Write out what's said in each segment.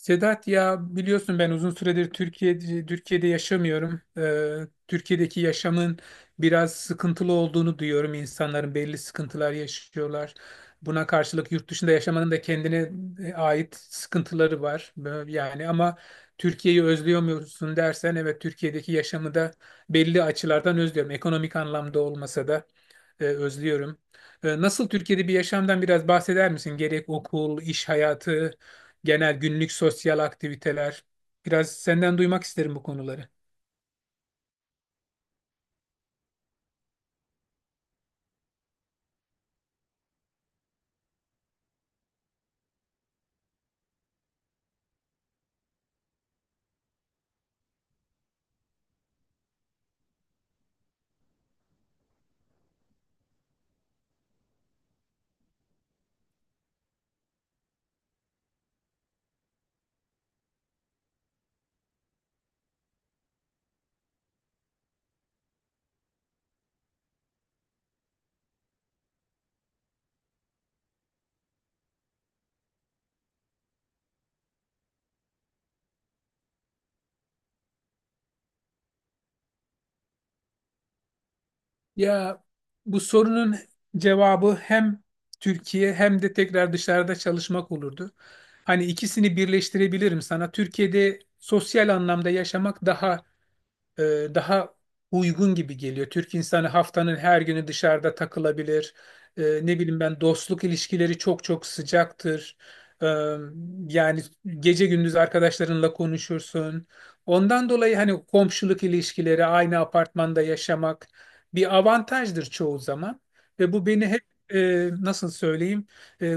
Sedat ya biliyorsun ben uzun süredir Türkiye'de yaşamıyorum. Türkiye'deki yaşamın biraz sıkıntılı olduğunu duyuyorum. İnsanların belli sıkıntılar yaşıyorlar. Buna karşılık yurt dışında yaşamanın da kendine ait sıkıntıları var. Yani ama Türkiye'yi özlüyor musun dersen evet, Türkiye'deki yaşamı da belli açılardan özlüyorum. Ekonomik anlamda olmasa da özlüyorum. Nasıl Türkiye'de bir yaşamdan biraz bahseder misin? Gerek okul, iş hayatı, genel günlük sosyal aktiviteler. Biraz senden duymak isterim bu konuları. Ya, bu sorunun cevabı hem Türkiye hem de tekrar dışarıda çalışmak olurdu. Hani ikisini birleştirebilirim sana. Türkiye'de sosyal anlamda yaşamak daha daha uygun gibi geliyor. Türk insanı haftanın her günü dışarıda takılabilir. Ne bileyim, ben dostluk ilişkileri çok çok sıcaktır. E, yani gece gündüz arkadaşlarınla konuşursun. Ondan dolayı hani komşuluk ilişkileri, aynı apartmanda yaşamak bir avantajdır çoğu zaman. Ve bu beni hep, nasıl söyleyeyim, e,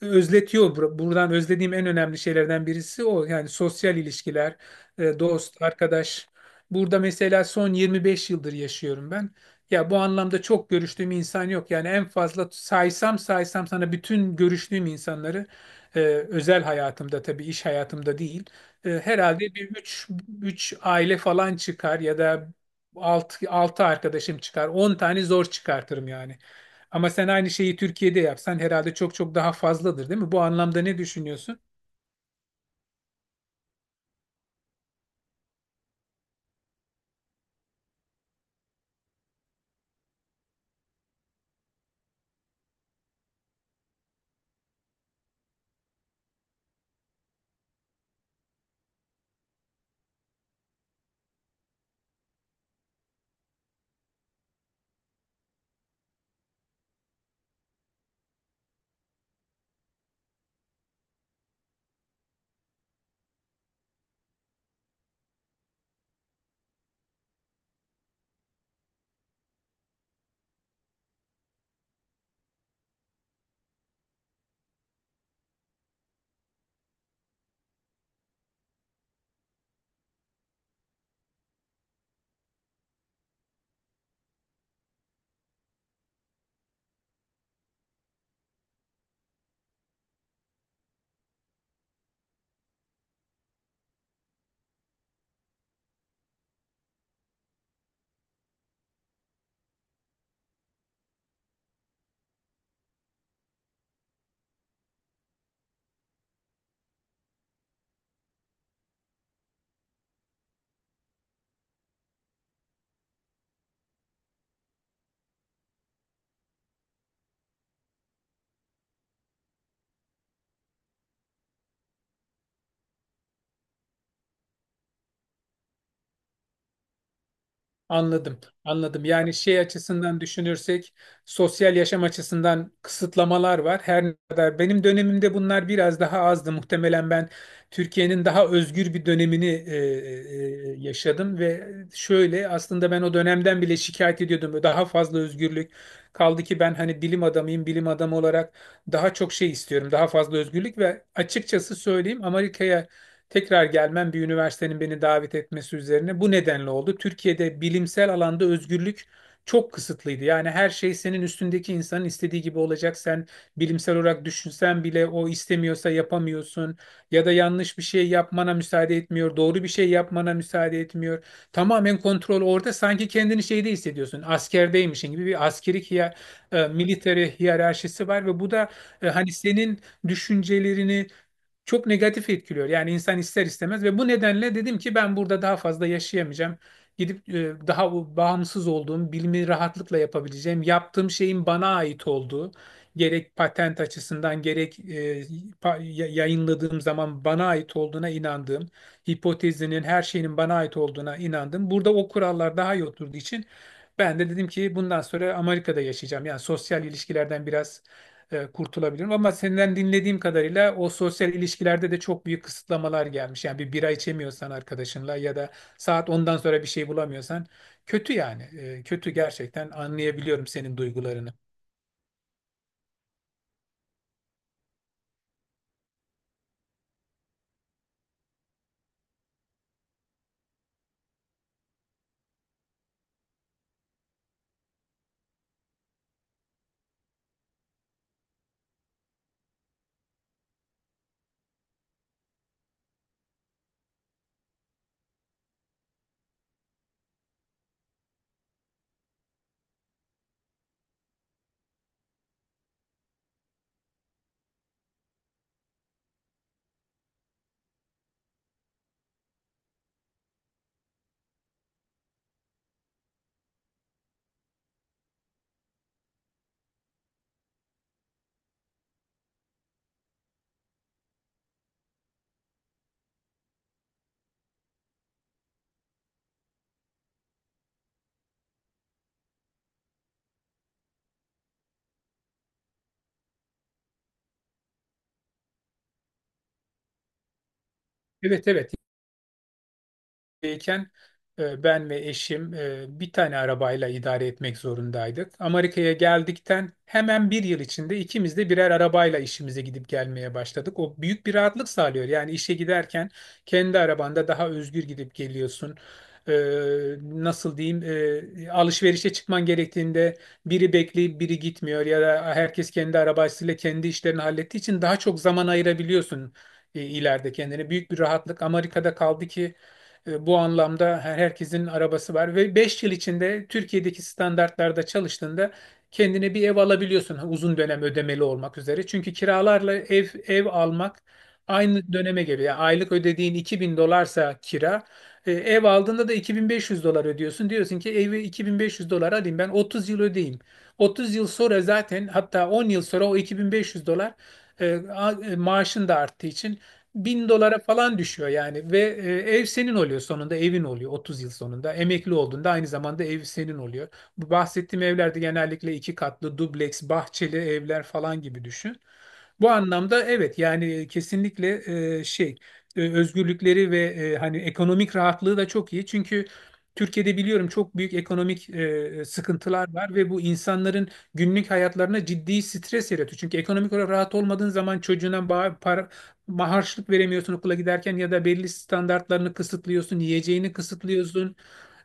özletiyor. Buradan özlediğim en önemli şeylerden birisi o. Yani sosyal ilişkiler, dost, arkadaş. Burada mesela son 25 yıldır yaşıyorum ben. Ya, bu anlamda çok görüştüğüm insan yok. Yani en fazla saysam saysam sana bütün görüştüğüm insanları, özel hayatımda tabii, iş hayatımda değil, herhalde bir 3 aile falan çıkar ya da 6 arkadaşım çıkar. 10 tane zor çıkartırım yani. Ama sen aynı şeyi Türkiye'de yapsan herhalde çok çok daha fazladır, değil mi? Bu anlamda ne düşünüyorsun? Anladım, anladım. Yani şey açısından düşünürsek, sosyal yaşam açısından kısıtlamalar var. Her ne kadar benim dönemimde bunlar biraz daha azdı. Muhtemelen ben Türkiye'nin daha özgür bir dönemini yaşadım ve şöyle, aslında ben o dönemden bile şikayet ediyordum. Daha fazla özgürlük. Kaldı ki ben hani bilim adamıyım, bilim adamı olarak daha çok şey istiyorum, daha fazla özgürlük ve açıkçası söyleyeyim, Amerika'ya tekrar gelmem bir üniversitenin beni davet etmesi üzerine bu nedenle oldu. Türkiye'de bilimsel alanda özgürlük çok kısıtlıydı. Yani her şey senin üstündeki insanın istediği gibi olacak. Sen bilimsel olarak düşünsen bile o istemiyorsa yapamıyorsun. Ya da yanlış bir şey yapmana müsaade etmiyor. Doğru bir şey yapmana müsaade etmiyor. Tamamen kontrol orada. Sanki kendini şeyde hissediyorsun. Askerdeymişin gibi bir askeri military hiyerarşisi var ve bu da hani senin düşüncelerini çok negatif etkiliyor. Yani insan ister istemez, ve bu nedenle dedim ki ben burada daha fazla yaşayamayacağım. Gidip daha bu bağımsız olduğum, bilimi rahatlıkla yapabileceğim, yaptığım şeyin bana ait olduğu, gerek patent açısından gerek yayınladığım zaman bana ait olduğuna inandığım, hipotezinin her şeyinin bana ait olduğuna inandım. Burada o kurallar daha iyi oturduğu için ben de dedim ki bundan sonra Amerika'da yaşayacağım. Yani sosyal ilişkilerden biraz kurtulabilirim. Ama senden dinlediğim kadarıyla o sosyal ilişkilerde de çok büyük kısıtlamalar gelmiş. Yani bir bira içemiyorsan arkadaşınla ya da saat ondan sonra bir şey bulamıyorsan, kötü yani. Kötü gerçekten, anlayabiliyorum senin duygularını. Evet, evet, Amerika'dayken ben ve eşim bir tane arabayla idare etmek zorundaydık. Amerika'ya geldikten hemen bir yıl içinde ikimiz de birer arabayla işimize gidip gelmeye başladık. O büyük bir rahatlık sağlıyor. Yani işe giderken kendi arabanda daha özgür gidip geliyorsun. E, nasıl diyeyim, alışverişe çıkman gerektiğinde biri bekleyip biri gitmiyor ya da herkes kendi arabasıyla kendi işlerini hallettiği için daha çok zaman ayırabiliyorsun, ileride kendine büyük bir rahatlık. Amerika'da kaldı ki bu anlamda herkesin arabası var ve 5 yıl içinde Türkiye'deki standartlarda çalıştığında kendine bir ev alabiliyorsun, ha, uzun dönem ödemeli olmak üzere. Çünkü kiralarla ev almak aynı döneme geliyor. Yani aylık ödediğin 2000 dolarsa kira, ev aldığında da 2.500 dolar ödüyorsun. Diyorsun ki evi 2.500 dolar alayım, ben 30 yıl ödeyeyim. 30 yıl sonra zaten, hatta 10 yıl sonra, o 2500 dolar maaşın da arttığı için 1.000 dolara falan düşüyor yani ve ev senin oluyor sonunda, evin oluyor, 30 yıl sonunda emekli olduğunda aynı zamanda ev senin oluyor. Bu bahsettiğim evlerde genellikle iki katlı dubleks bahçeli evler falan gibi düşün. Bu anlamda evet yani kesinlikle şey özgürlükleri ve hani ekonomik rahatlığı da çok iyi çünkü Türkiye'de biliyorum çok büyük ekonomik sıkıntılar var ve bu insanların günlük hayatlarına ciddi stres yaratıyor. Çünkü ekonomik olarak rahat olmadığın zaman çocuğuna para, harçlık veremiyorsun okula giderken ya da belli standartlarını kısıtlıyorsun, yiyeceğini kısıtlıyorsun.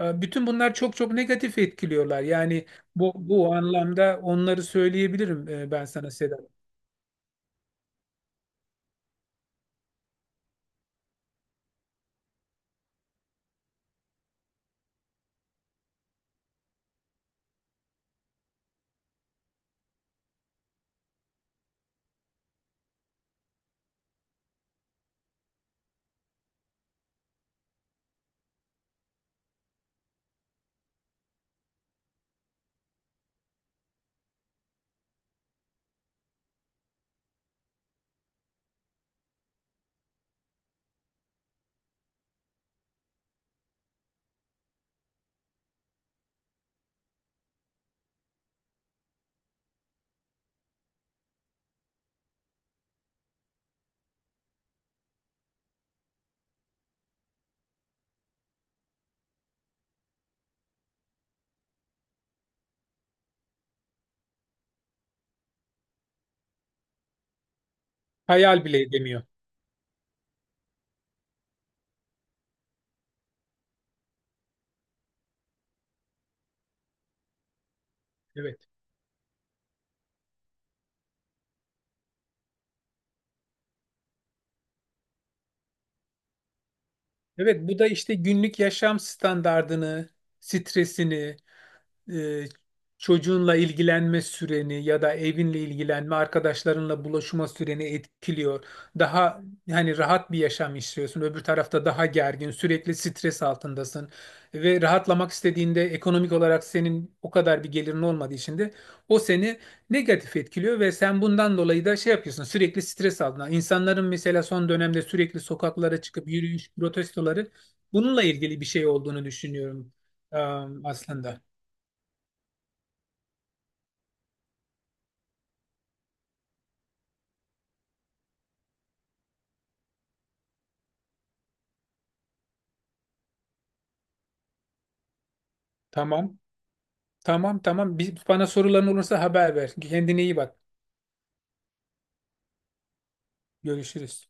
Bütün bunlar çok çok negatif etkiliyorlar. Yani bu anlamda onları söyleyebilirim, ben sana Sedat. Hayal bile edemiyor. Evet. Evet, bu da işte günlük yaşam standardını, stresini, e, çocuğunla ilgilenme süreni ya da evinle ilgilenme, arkadaşlarınla buluşma süreni etkiliyor. Daha, yani rahat bir yaşam istiyorsun. Öbür tarafta daha gergin, sürekli stres altındasın ve rahatlamak istediğinde ekonomik olarak senin o kadar bir gelirin olmadığı için de o seni negatif etkiliyor ve sen bundan dolayı da şey yapıyorsun. Sürekli stres altında. İnsanların mesela son dönemde sürekli sokaklara çıkıp yürüyüş protestoları, bununla ilgili bir şey olduğunu düşünüyorum, e, aslında. Tamam. Tamam, tamam. Bana soruların olursa haber ver. Kendine iyi bak. Görüşürüz.